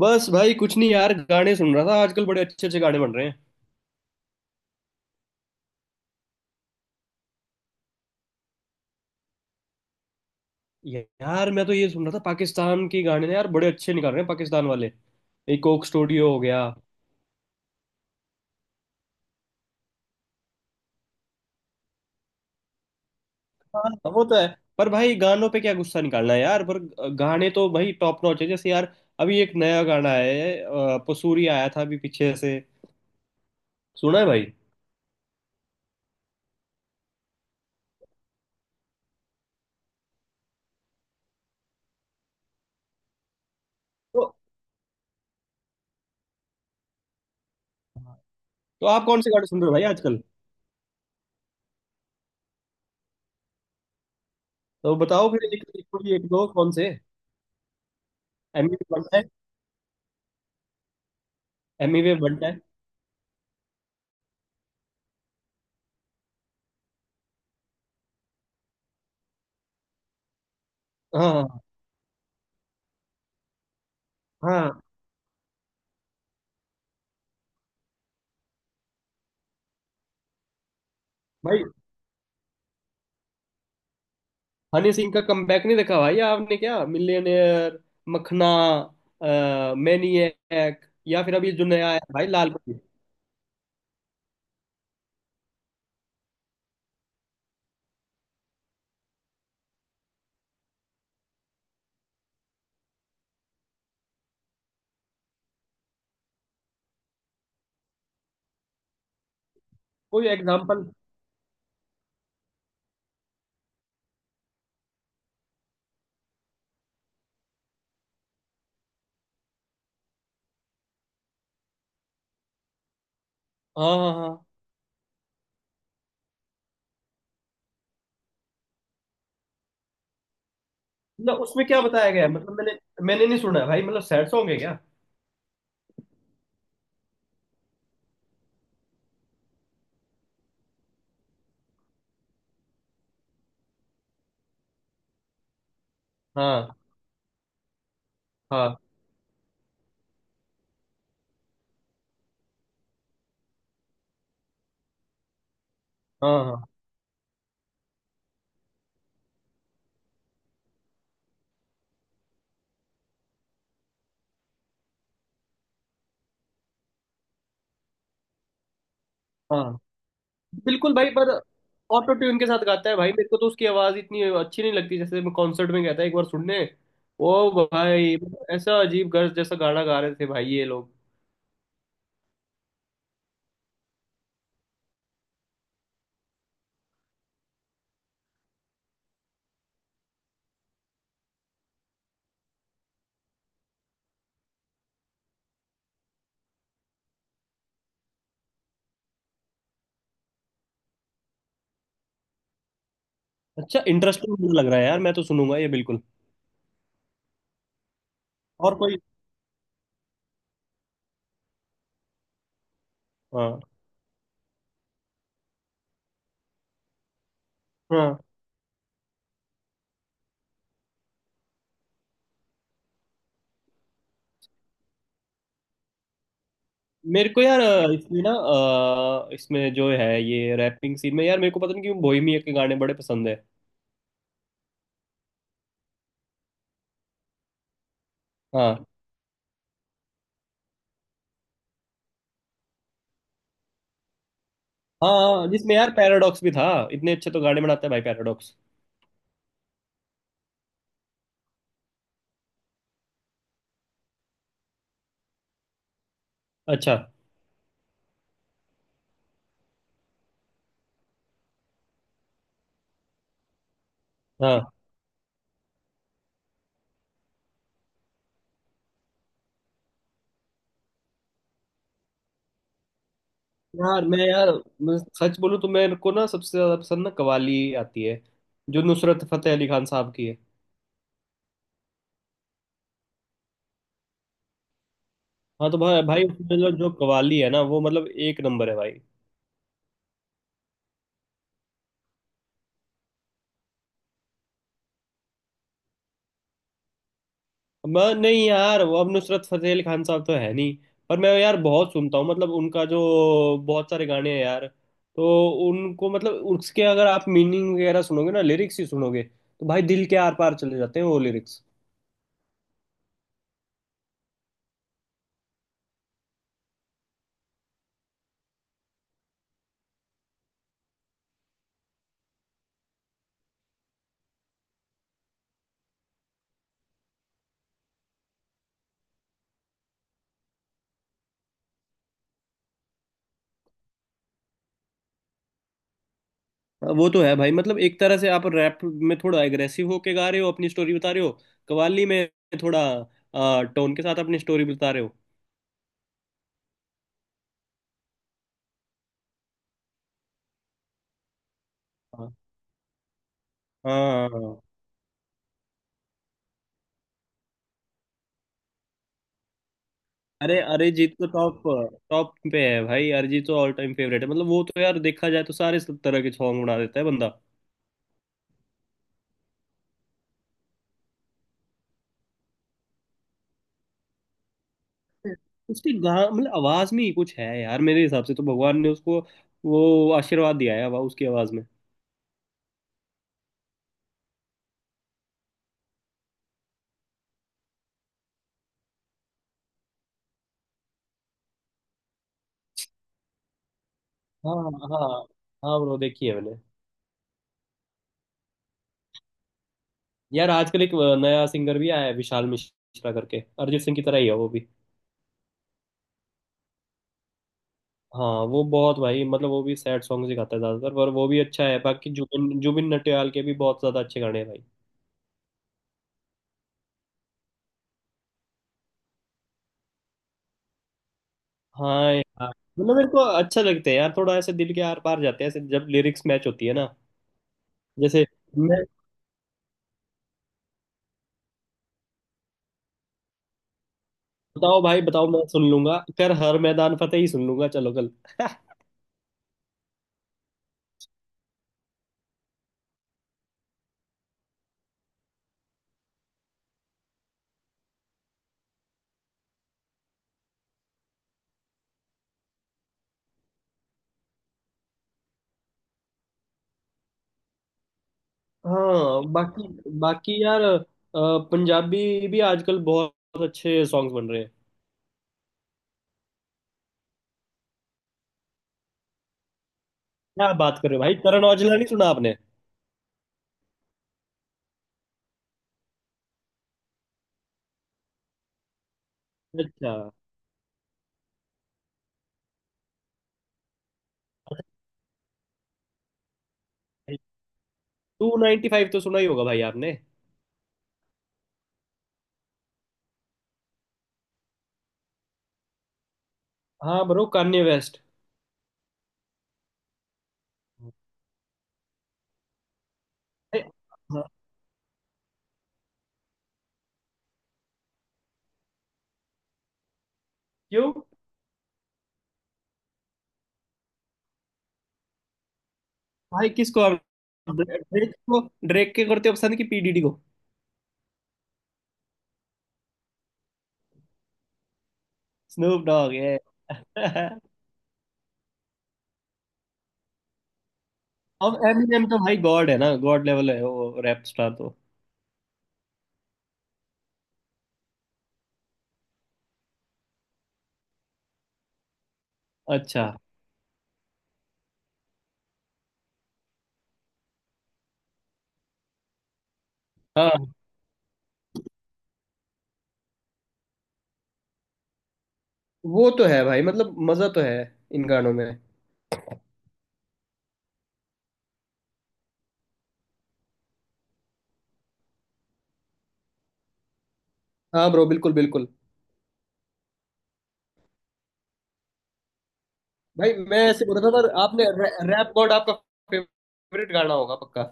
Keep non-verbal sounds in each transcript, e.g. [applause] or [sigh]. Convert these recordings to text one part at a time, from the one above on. बस भाई कुछ नहीं यार, गाने सुन रहा था। आजकल बड़े अच्छे अच्छे गाने बन रहे हैं। यार मैं तो ये सुन रहा था, पाकिस्तान के गाने ना यार, बड़े अच्छे निकाल रहे हैं पाकिस्तान वाले। ये कोक स्टूडियो हो गया। हाँ वो तो है। पर भाई गानों पे क्या गुस्सा निकालना है यार। पर गाने तो भाई टॉप नॉच है जैसे यार। अभी एक नया गाना है पसूरी, आया था अभी पीछे से। सुना है भाई। तो, तो आप कौन से गाने सुन रहे हो भाई आजकल? तो बताओ फिर एक दो कौन से। एमी वेव बनता है। एमी वेव बनता है। हाँ हाँ। हाँ हाँ, भाई हनी सिंह का कमबैक नहीं देखा भाई आपने? क्या मिलियनेयर, मखना, मैनिएक, या फिर अभी जो नया आया है भाई, लाल परी। कोई एग्जांपल? हाँ हाँ हाँ। मतलब उसमें क्या बताया गया है? मतलब मैंने मैंने नहीं सुना है भाई। मतलब सैड सॉन्ग है क्या? हाँ। हाँ हाँ। हाँ हाँ। बिल्कुल भाई। पर ऑटो ट्यून के साथ गाता है भाई, मेरे को तो उसकी आवाज इतनी अच्छी नहीं लगती। जैसे मैं कॉन्सर्ट में गया था एक बार सुनने। ओ भाई, ऐसा अजीब गर्ज जैसा गाना गा रहे थे भाई ये लोग। अच्छा, इंटरेस्टिंग लग रहा है यार, मैं तो सुनूंगा ये बिल्कुल। और कोई? हाँ हाँ। मेरे को यार इसमें ना, इसमें जो है ये रैपिंग सीन में यार, मेरे को पता नहीं क्यों बोहेमिया के गाने बड़े पसंद है। हाँ। हाँ हाँ, जिसमें यार पैराडॉक्स भी था। इतने अच्छे तो गाने बनाता है भाई पैराडॉक्स। अच्छा। हाँ यार। मैं सच बोलूं तो मेरे को ना सबसे ज्यादा पसंद ना कवाली आती है, जो नुसरत फतेह अली खान साहब की है। हाँ तो भाई भाई उसमें जो जो कवाली है ना वो मतलब एक नंबर है भाई। मैं नहीं यार, वो अब नुसरत फतेह अली खान साहब तो है नहीं। पर मैं यार बहुत सुनता हूँ, मतलब उनका जो बहुत सारे गाने हैं यार। तो उनको, मतलब उसके अगर आप मीनिंग वगैरह सुनोगे ना, लिरिक्स ही सुनोगे तो भाई दिल के आर पार चले जाते हैं वो लिरिक्स। वो तो है भाई। मतलब एक तरह से आप रैप में थोड़ा एग्रेसिव होके गा रहे हो, अपनी स्टोरी बता रहे हो। कव्वाली में थोड़ा टोन के साथ अपनी स्टोरी बता रहे हो। हाँ। हाँ, अरे अरिजीत तो टॉप, टॉप पे है भाई। अरिजीत तो ऑल टाइम फेवरेट है। मतलब वो तो यार देखा जाए तो सारे तरह के सॉन्ग बना देता है बंदा। उसकी गा मतलब आवाज में ही कुछ है यार, मेरे हिसाब से तो भगवान ने उसको वो आशीर्वाद दिया है। उसकी आवाज में। हाँ। हाँ। हाँ ब्रो, देखी है मैंने। यार आजकल एक नया सिंगर भी आया है, विशाल मिश्रा करके, अरिजीत सिंह की तरह ही है वो भी। हाँ वो बहुत भाई, मतलब वो भी सैड सॉन्ग ही गाता है ज्यादातर, पर वो भी अच्छा है। बाकी जुबिन जुबिन नटियाल के भी बहुत ज्यादा अच्छे गाने हैं भाई। हाँ यार, मतलब मेरे को अच्छा लगता है यार, थोड़ा ऐसे दिल के आर पार जाते हैं ऐसे जब लिरिक्स मैच होती है ना। जैसे मैं। बताओ भाई, बताओ, मैं सुन लूंगा। कर हर मैदान फतेह ही सुन लूंगा चलो कल। [laughs] हाँ बाकी, बाकी यार पंजाबी भी आजकल बहुत अच्छे सॉन्ग्स बन रहे हैं। क्या बात कर रहे हो भाई, करण औजला नहीं सुना आपने? अच्छा। 295 तो सुना ही होगा भाई आपने। हाँ ब्रो, कान्ये वेस्ट। अरे, हाँ, क्यों? भाई किसको आप, ड्रेक को, ड्रेक के करते हो पसंद? की पीडीडी को? स्नूप डॉग है। [laughs] अब एमिनेम तो भाई गॉड है ना, गॉड लेवल है वो रैप स्टार तो। अच्छा। हाँ वो तो है भाई, मतलब मजा तो है इन गानों में। हाँ ब्रो, बिल्कुल बिल्कुल। भाई मैं ऐसे बोल रहा था, पर आपने रैप गॉड आपका फेवरेट गाना होगा पक्का।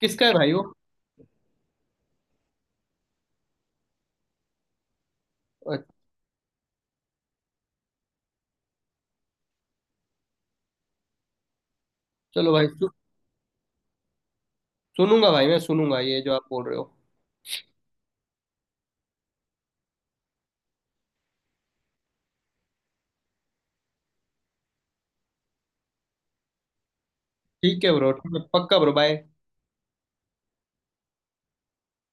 किसका है भाई वो? अच्छा। चलो भाई सु, सुनूंगा भाई, मैं सुनूंगा ये जो आप बोल रहे हो। ठीक है ब्रो, ठीक है, पक्का ब्रो, बाय।